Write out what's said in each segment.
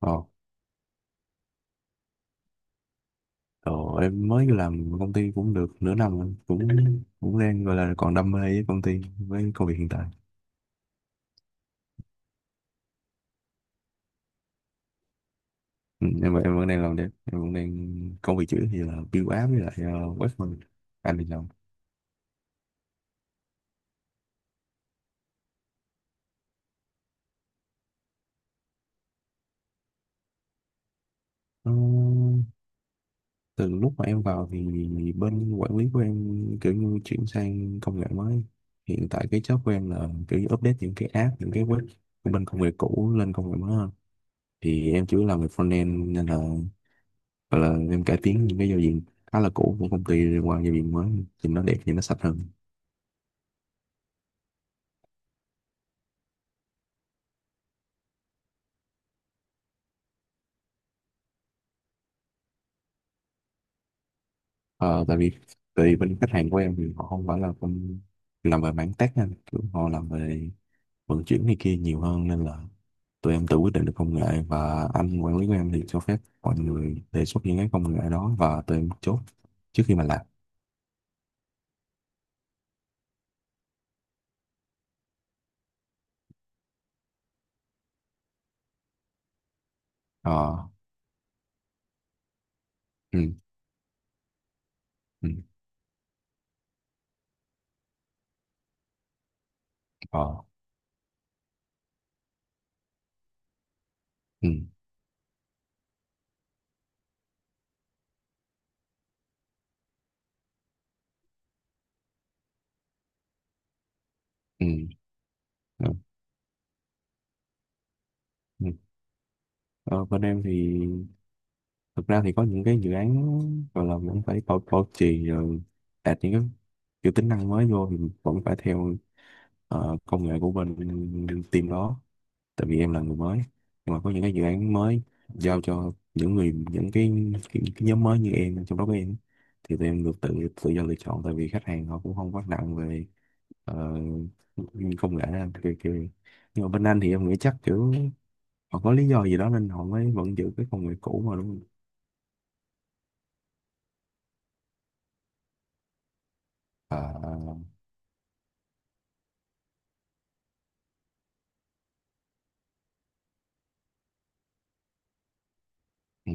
Ờ, ờ, em mới làm công ty cũng được nửa năm rồi. Cũng cũng đang gọi là còn đam mê với công ty với công việc hiện tại. Em vẫn đang làm đẹp, em vẫn đang công việc chữ thì là build app với lại web thôi. Anh thì làm. Ờ, Từ lúc mà em vào thì bên quản lý của em kiểu như chuyển sang công nghệ mới. Hiện tại cái job của em là kiểu như update những cái app, những cái web của bên công nghệ cũ lên công nghệ mới hơn. Thì em chủ yếu làm về frontend nên là hoặc là em cải tiến những cái giao diện khá là cũ của công ty qua giao diện mới, thì nó đẹp thì nó sạch hơn. Ờ, tại vì tại vì bên khách hàng của em thì họ không phải là công, làm về mảng tech, anh kiểu họ làm về vận chuyển này kia nhiều hơn, nên là tụi em tự quyết định được công nghệ. Và anh quản lý của em thì cho phép mọi người đề xuất những cái công nghệ đó và tụi em chốt trước khi mà làm. Ờ, ừ, ừ, ờ, ừ, ừ, ừ, ừ. Ờ, bên em thì thực ra thì có những cái dự án gọi là vẫn phải bảo trì, rồi đạt những cái kiểu tính năng mới vô thì vẫn phải theo công nghệ của bên team đó. Tại vì em là người mới, nhưng mà có những cái dự án mới giao cho những người, những cái nhóm mới như em, trong đó có em, thì tụi em được tự tự do lựa chọn, tại vì khách hàng họ cũng không quá nặng về ờ, công nghệ đâu, kiểu. Nhưng mà bên anh thì em nghĩ chắc kiểu họ có lý do gì đó nên họ mới vẫn giữ cái công nghệ cũ mà, đúng không? À, ừ,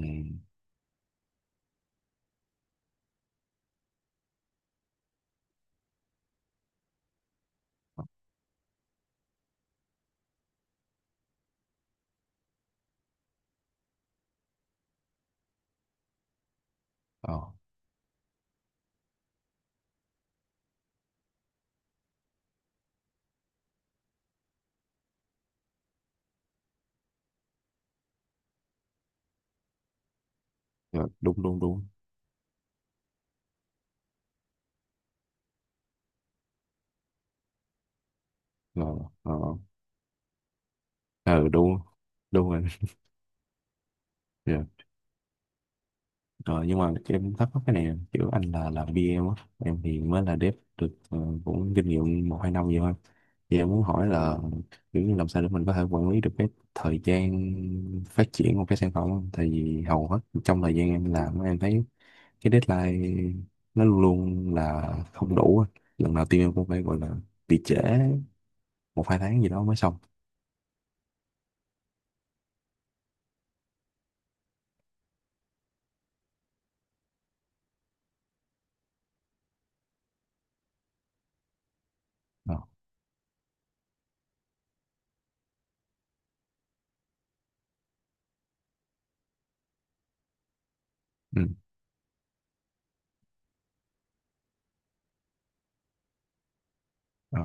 ờ, rồi, đúng đúng đúng, rồi, ờ, ờ, ừ, đúng đúng rồi. Rồi, rồi, nhưng mà em thắc mắc cái này nè, kiểu anh là làm bê em á, em thì mới là dev được cũng kinh nghiệm một hai năm vậy thôi. Thì em muốn hỏi là kiểu như làm sao để mình có thể quản lý được cái thời gian phát triển của cái sản phẩm không? Tại vì hầu hết trong thời gian em làm, em thấy cái deadline nó luôn luôn là không đủ á. Lần nào team em cũng phải gọi là bị trễ một hai tháng gì đó mới xong. Ờ, ừ. Ờ.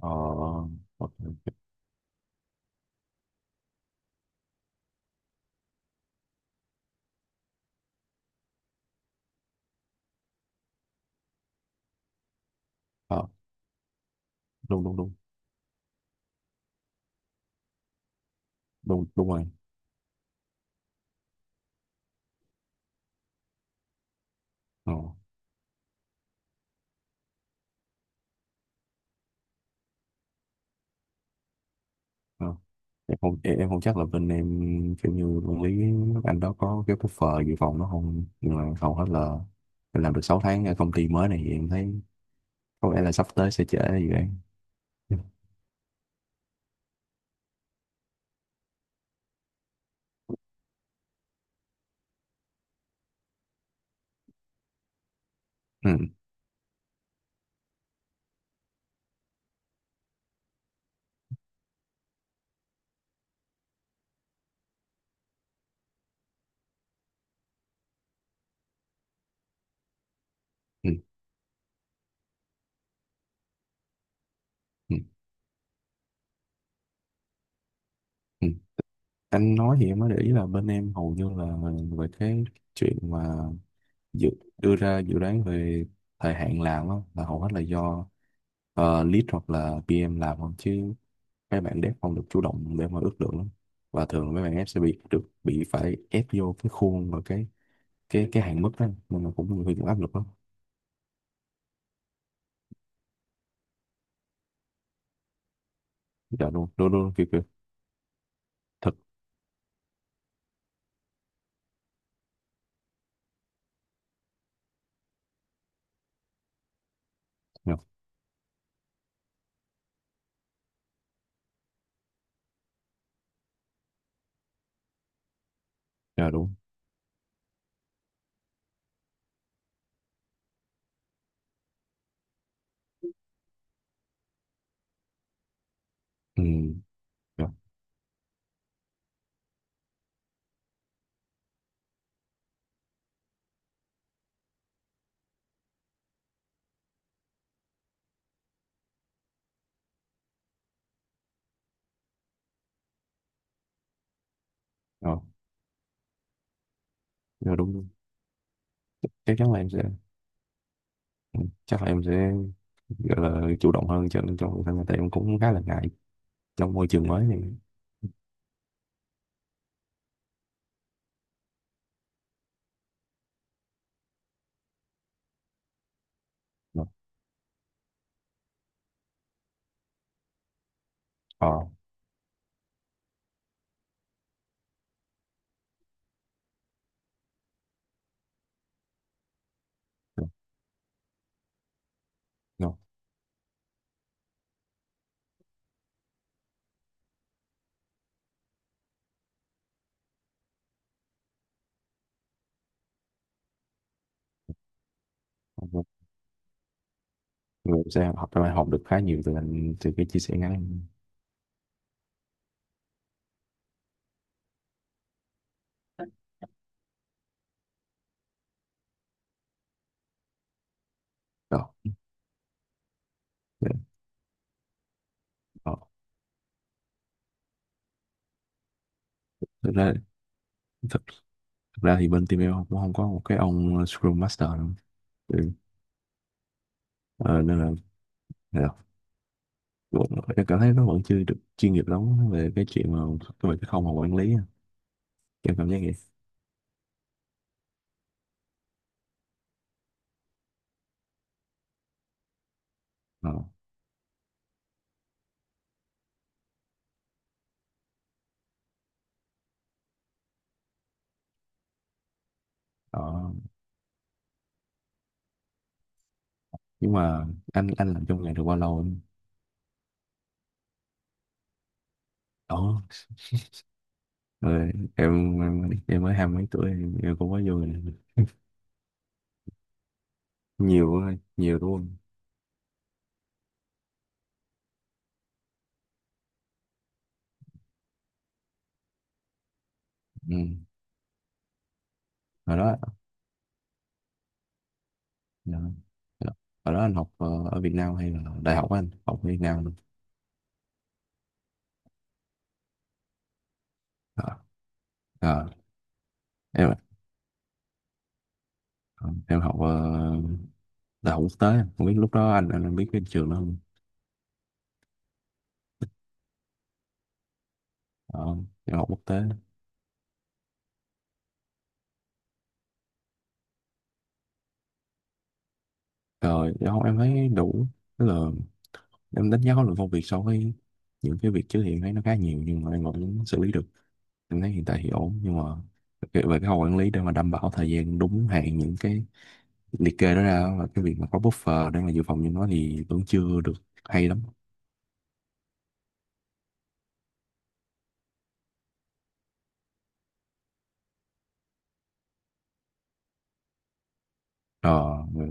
Ờ, ok, ok. Ờ, đúng đúng đúng đúng đúng rồi. Ờ, ờ. em không em, em không chắc là bên em kiểu như quản lý nước Anh đó có cái buffer dự phòng nó không, nhưng mà hầu hết là em làm được 6 tháng ở công ty mới này thì em thấy có vẻ là sắp tới sẽ trễ dự án. Ừ, ừ, ừ, ừ. Anh nói thì em mới để ý là bên em hầu như là về cái chuyện mà dự, đưa ra dự đoán về thời hạn làm á, là hầu hết là do lead hoặc là PM làm không, chứ mấy bạn dev không được chủ động để mà ước lượng lắm. Và thường mấy bạn ép sẽ bị phải ép vô cái khuôn và cái hạn mức đó, nên là cũng hơi cũng áp lực lắm. Dạ đúng đúng đúng, kiểu kiểu. Thật. Dạ. Dạ đúng. Ừ. Dạ. Dạ. Dạ, đúng đúng. Chắc chắn là em sẽ, ừ, chắc là em sẽ gọi là chủ động hơn, cho nên trong cuộc sống tại em cũng khá là ngại trong môi trường mới này. Dạ. Ờ. Dạ, dạ. Dạ. Người sẽ học, em học được khá nhiều từ anh từ cái chia sẻ ngắn. Dạ. Dạ. Ờ, thực ra thực Thực ra thì bên team em cũng không có một cái ông Scrum Master đâu. Ừ. Ờ, nên là cũng- em cảm thấy nó vẫn chưa được chuyên nghiệp lắm về cái chuyện mà về cái không mà quản lý á. Em cảm giác vậy. Ờ. Ờ. Nhưng mà anh làm trong nghề được bao lâu anh đó? Em mới hai mấy tuổi, em cũng mới vô nghề. Nhiều quá, nhiều đúng không. Ừ. Hồi đó. Dạ. Dạ. Hồi đó anh học ở Việt Nam hay là đại học á anh học ở Việt Nam luôn. Ờ. Ờ. Em. Ờ, em học đại học quốc tế, không biết lúc đó anh biết cái trường đó không. Ờ, em học quốc tế. Rồi em không em thấy đủ, tức là em đánh giá khối lượng công việc so với những cái việc trước thì em thấy nó khá nhiều, nhưng mà em vẫn xử lý được. Em thấy hiện tại thì ổn, nhưng mà cái- về cái khâu quản lý để mà đảm bảo thời gian đúng hạn, những cái liệt kê đó ra, và cái việc mà có buffer để mà dự phòng cho nó, thì vẫn chưa được hay lắm. Ờ. Rồi,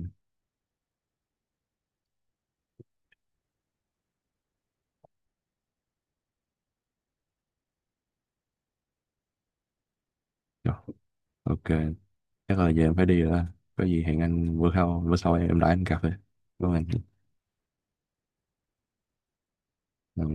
rồi, ok. Chắc là giờ em phải đi rồi đó. Có gì hẹn anh bữa sau, bữa sau em đãi anh cà phê. Vâng anh. Ừ.